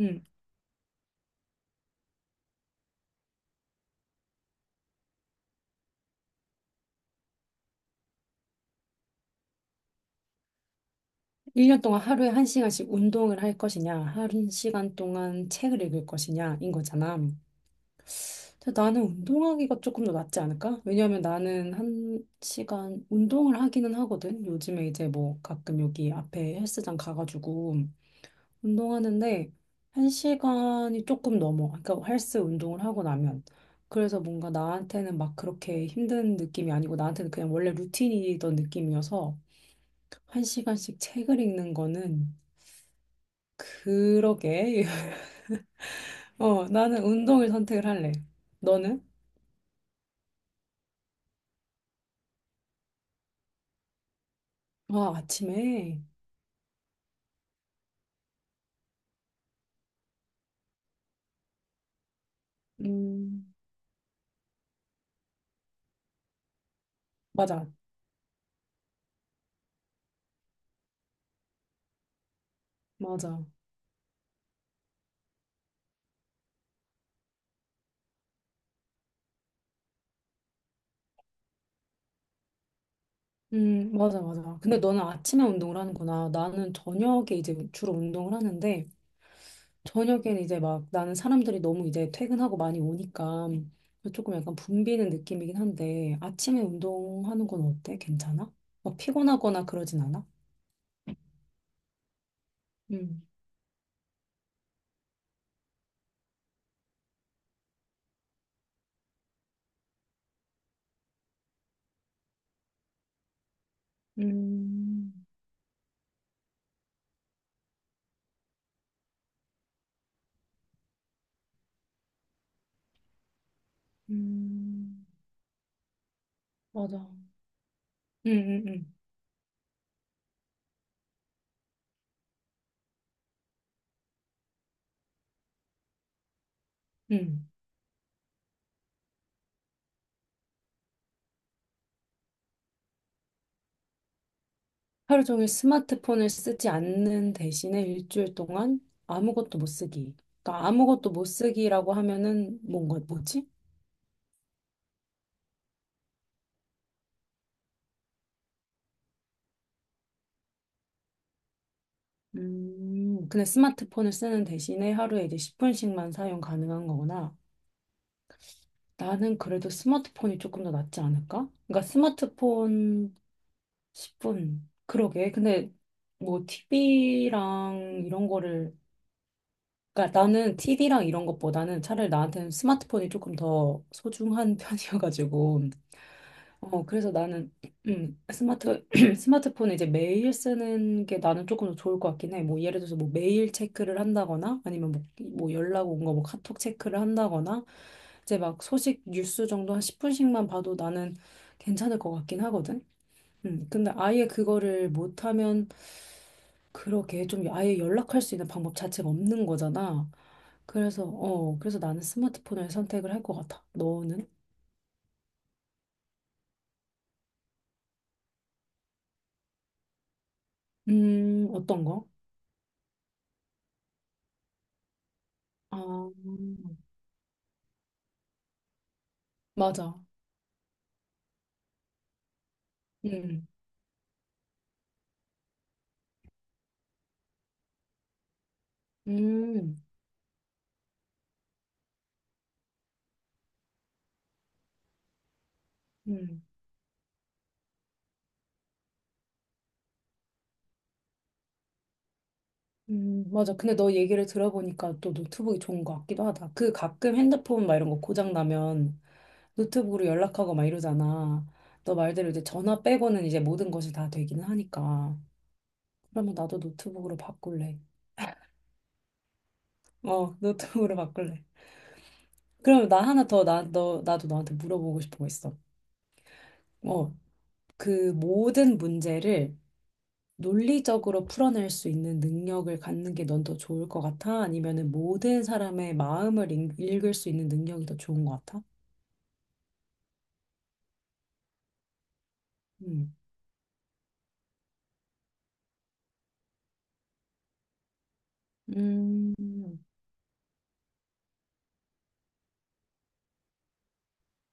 음, 1년 동안 하루에 1시간씩 운동을 할 것이냐, 1시간 동안 책을 읽을 것이냐인 거잖아. 근데 나는 운동하기가 조금 더 낫지 않을까? 왜냐하면 나는 1시간 운동을 하기는 하거든. 요즘에 이제 뭐 가끔 여기 앞에 헬스장 가가지고 운동하는데 1시간이 조금 넘어. 그러니까 헬스 운동을 하고 나면. 그래서 뭔가 나한테는 막 그렇게 힘든 느낌이 아니고 나한테는 그냥 원래 루틴이던 느낌이어서 1시간씩 책을 읽는 거는 그러게. 어, 나는 운동을 선택을 할래. 너는? 아, 아침에. 음, 맞아. 맞아. 맞아, 맞아. 근데 너는 아침에 운동을 하는구나. 나는 저녁에 이제 주로 운동을 하는데, 저녁에는 이제 막 나는 사람들이 너무 이제 퇴근하고 많이 오니까 조금 약간 붐비는 느낌이긴 한데, 아침에 운동하는 건 어때? 괜찮아? 막 피곤하거나 그러진 않아? 음, 음, 음, 맞아. 음, 음, 음. 음. 하루 종일 스마트폰을 쓰지 않는 대신에 일주일 동안 아무것도 못 쓰기. 그러니까 아무것도 못 쓰기라고 하면은 뭔가 뭐지? 그냥 스마트폰을 쓰는 대신에 하루에 이제 10분씩만 사용 가능한 거구나. 나는 그래도 스마트폰이 조금 더 낫지 않을까? 그러니까 스마트폰 10분. 그러게. 근데 뭐 TV랑 이런 거를 그러니까 나는 티비랑 이런 것보다는 차라리 나한테는 스마트폰이 조금 더 소중한 편이어가지고 그래서 나는 스마트 스마트폰을 이제 매일 쓰는 게 나는 조금 더 좋을 것 같긴 해. 뭐 예를 들어서 뭐 메일 체크를 한다거나 아니면 뭐 연락 온 거 뭐 카톡 체크를 한다거나 이제 막 소식 뉴스 정도 한 10분씩만 봐도 나는 괜찮을 것 같긴 하거든. 근데 아예 그거를 못하면 그렇게 좀 아예 연락할 수 있는 방법 자체가 없는 거잖아. 그래서 나는 스마트폰을 선택을 할 것 같아. 너는? 어떤 거? 아, 맞아. 음, 음, 음, 맞아. 근데 너 얘기를 들어보니까 또 노트북이 좋은 것 같기도 하다. 그 가끔 핸드폰 막 이런 거 고장 나면 노트북으로 연락하고 막 이러잖아. 너 말대로 이제 전화 빼고는 이제 모든 것이 다 되기는 하니까. 그러면 나도 노트북으로 바꿀래. 어, 노트북으로 바꿀래. 그러면 나 하나 더, 나도 너한테 물어보고 싶은 거 있어. 어, 그 모든 문제를 논리적으로 풀어낼 수 있는 능력을 갖는 게 넌 더 좋을 것 같아? 아니면은 모든 사람의 마음을 읽을 수 있는 능력이 더 좋은 것 같아? 음. 음,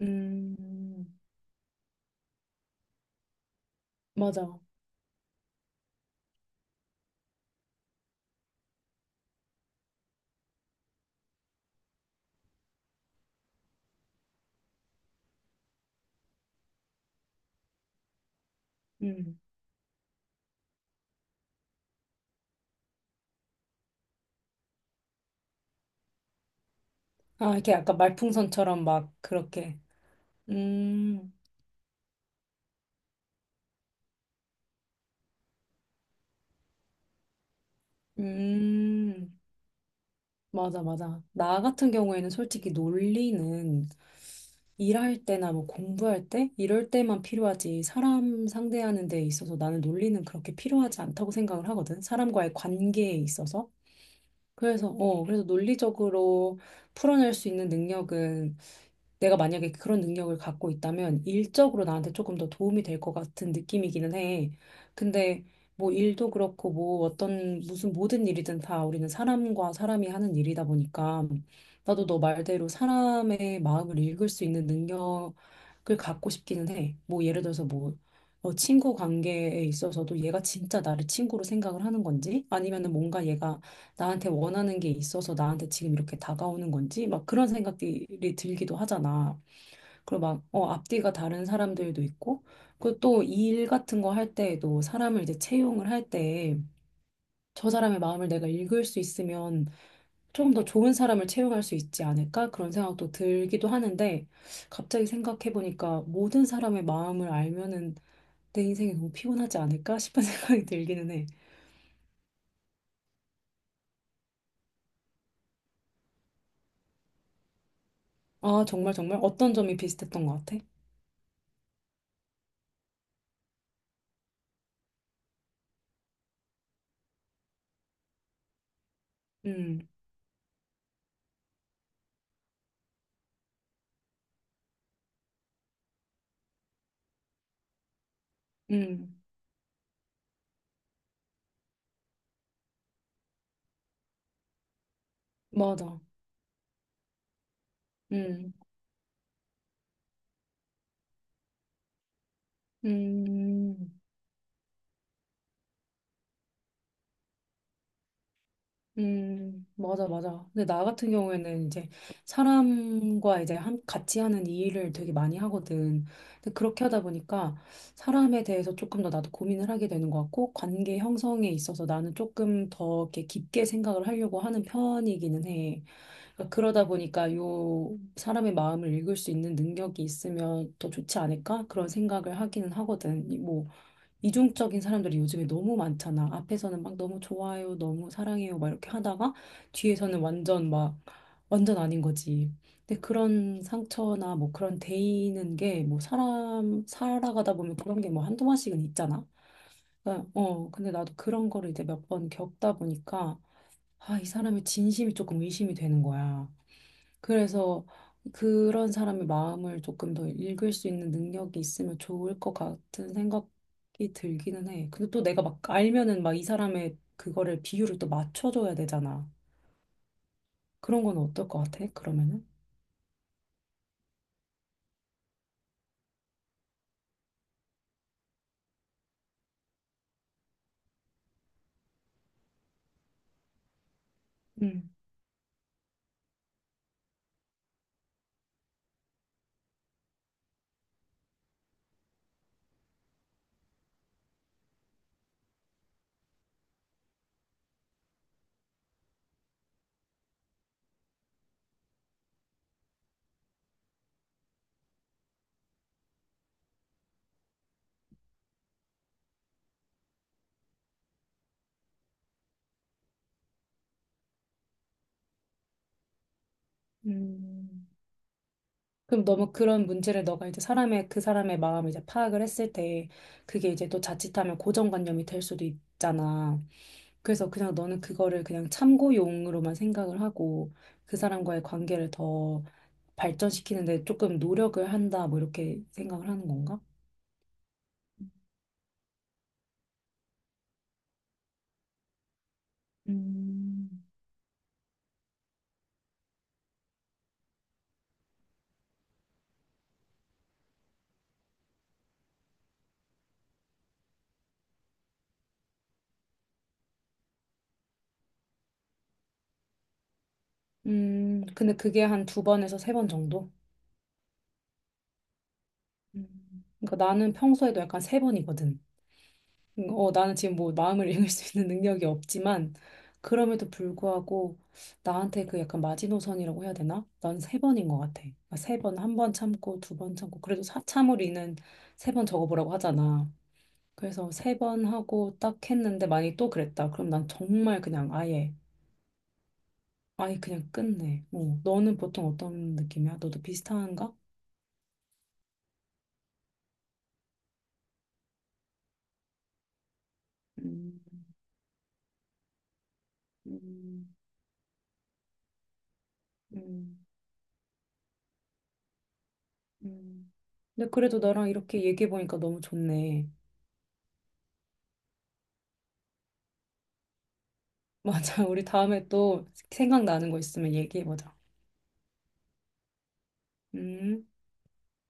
음, 맞아. 음. 아, 이렇게 약간 말풍선처럼 막 그렇게. 음, 음, 맞아, 맞아. 나 같은 경우에는 솔직히 논리는 일할 때나 뭐 공부할 때 이럴 때만 필요하지 사람 상대하는 데 있어서 나는 논리는 그렇게 필요하지 않다고 생각을 하거든. 사람과의 관계에 있어서. 그래서 논리적으로 풀어낼 수 있는 능력은 내가 만약에 그런 능력을 갖고 있다면 일적으로 나한테 조금 더 도움이 될 것 같은 느낌이기는 해. 근데 뭐 일도 그렇고 뭐 어떤 무슨 모든 일이든 다 우리는 사람과 사람이 하는 일이다 보니까 나도 너 말대로 사람의 마음을 읽을 수 있는 능력을 갖고 싶기는 해. 뭐 예를 들어서 뭐 친구 관계에 있어서도 얘가 진짜 나를 친구로 생각을 하는 건지 아니면은 뭔가 얘가 나한테 원하는 게 있어서 나한테 지금 이렇게 다가오는 건지 막 그런 생각들이 들기도 하잖아. 그리고 막 앞뒤가 다른 사람들도 있고 그리고 또 일 같은 거 할 때에도 사람을 이제 채용을 할 때 저 사람의 마음을 내가 읽을 수 있으면 좀 더 좋은 사람을 채용할 수 있지 않을까? 그런 생각도 들기도 하는데 갑자기 생각해 보니까 모든 사람의 마음을 알면은 내 인생이 너무 피곤하지 않을까 싶은 생각이 들기는 해. 아, 정말 정말 어떤 점이 비슷했던 것 같아? 음, 음. 맞아. 음, 음, 맞아, 맞아. 근데 나 같은 경우에는 이제 사람과 이제 같이 하는 이 일을 되게 많이 하거든. 근데 그렇게 하다 보니까 사람에 대해서 조금 더 나도 고민을 하게 되는 것 같고, 관계 형성에 있어서 나는 조금 더 이렇게 깊게 생각을 하려고 하는 편이기는 해. 그러니까 그러다 보니까 요 사람의 마음을 읽을 수 있는 능력이 있으면 더 좋지 않을까? 그런 생각을 하기는 하거든. 이 뭐, 이중적인 사람들이 요즘에 너무 많잖아. 앞에서는 막 너무 좋아요, 너무 사랑해요, 막 이렇게 하다가 뒤에서는 완전 막 완전 아닌 거지. 근데 그런 상처나 뭐 그런 데이는 게 뭐 사람 살아가다 보면 그런 게 뭐 한두 번씩은 있잖아. 그러니까, 근데 나도 그런 거를 이제 몇 번 겪다 보니까 아, 이 사람의 진심이 조금 의심이 되는 거야. 그래서 그런 사람의 마음을 조금 더 읽을 수 있는 능력이 있으면 좋을 것 같은 생각이 들기는 해. 근데 또 내가 막 알면은 막 이 사람의 그거를 비율을 또 맞춰줘야 되잖아. 그런 건 어떨 것 같아? 그러면은? 음. 음. 그럼 너무 그런 문제를 너가 이제 사람의 그 사람의 마음을 이제 파악을 했을 때 그게 이제 또 자칫하면 고정관념이 될 수도 있잖아. 그래서 그냥 너는 그거를 그냥 참고용으로만 생각을 하고 그 사람과의 관계를 더 발전시키는데 조금 노력을 한다, 뭐 이렇게 생각을 하는 건가? 음, 근데 그게 한 두 번에서 세 번 정도? 그러니까 나는 평소에도 약간 세 번이거든. 나는 지금 뭐 마음을 읽을 수 있는 능력이 없지만, 그럼에도 불구하고 나한테 그 약간 마지노선이라고 해야 되나? 난 세 번인 것 같아. 그러니까 세 번, 한 번 참고, 두 번 참고, 그래도 참으리는 세 번 적어보라고 하잖아. 그래서 세 번 하고 딱 했는데 만약에 또 그랬다. 그럼 난 정말 그냥 아예 그냥 끝내. 어. 너는 보통 어떤 느낌이야? 너도 비슷한가? 음, 음, 음, 음. 근데 그래도 나랑 이렇게 얘기해보니까 너무 좋네. 맞아. 우리 다음에 또 생각나는 거 있으면 얘기해보자. 음.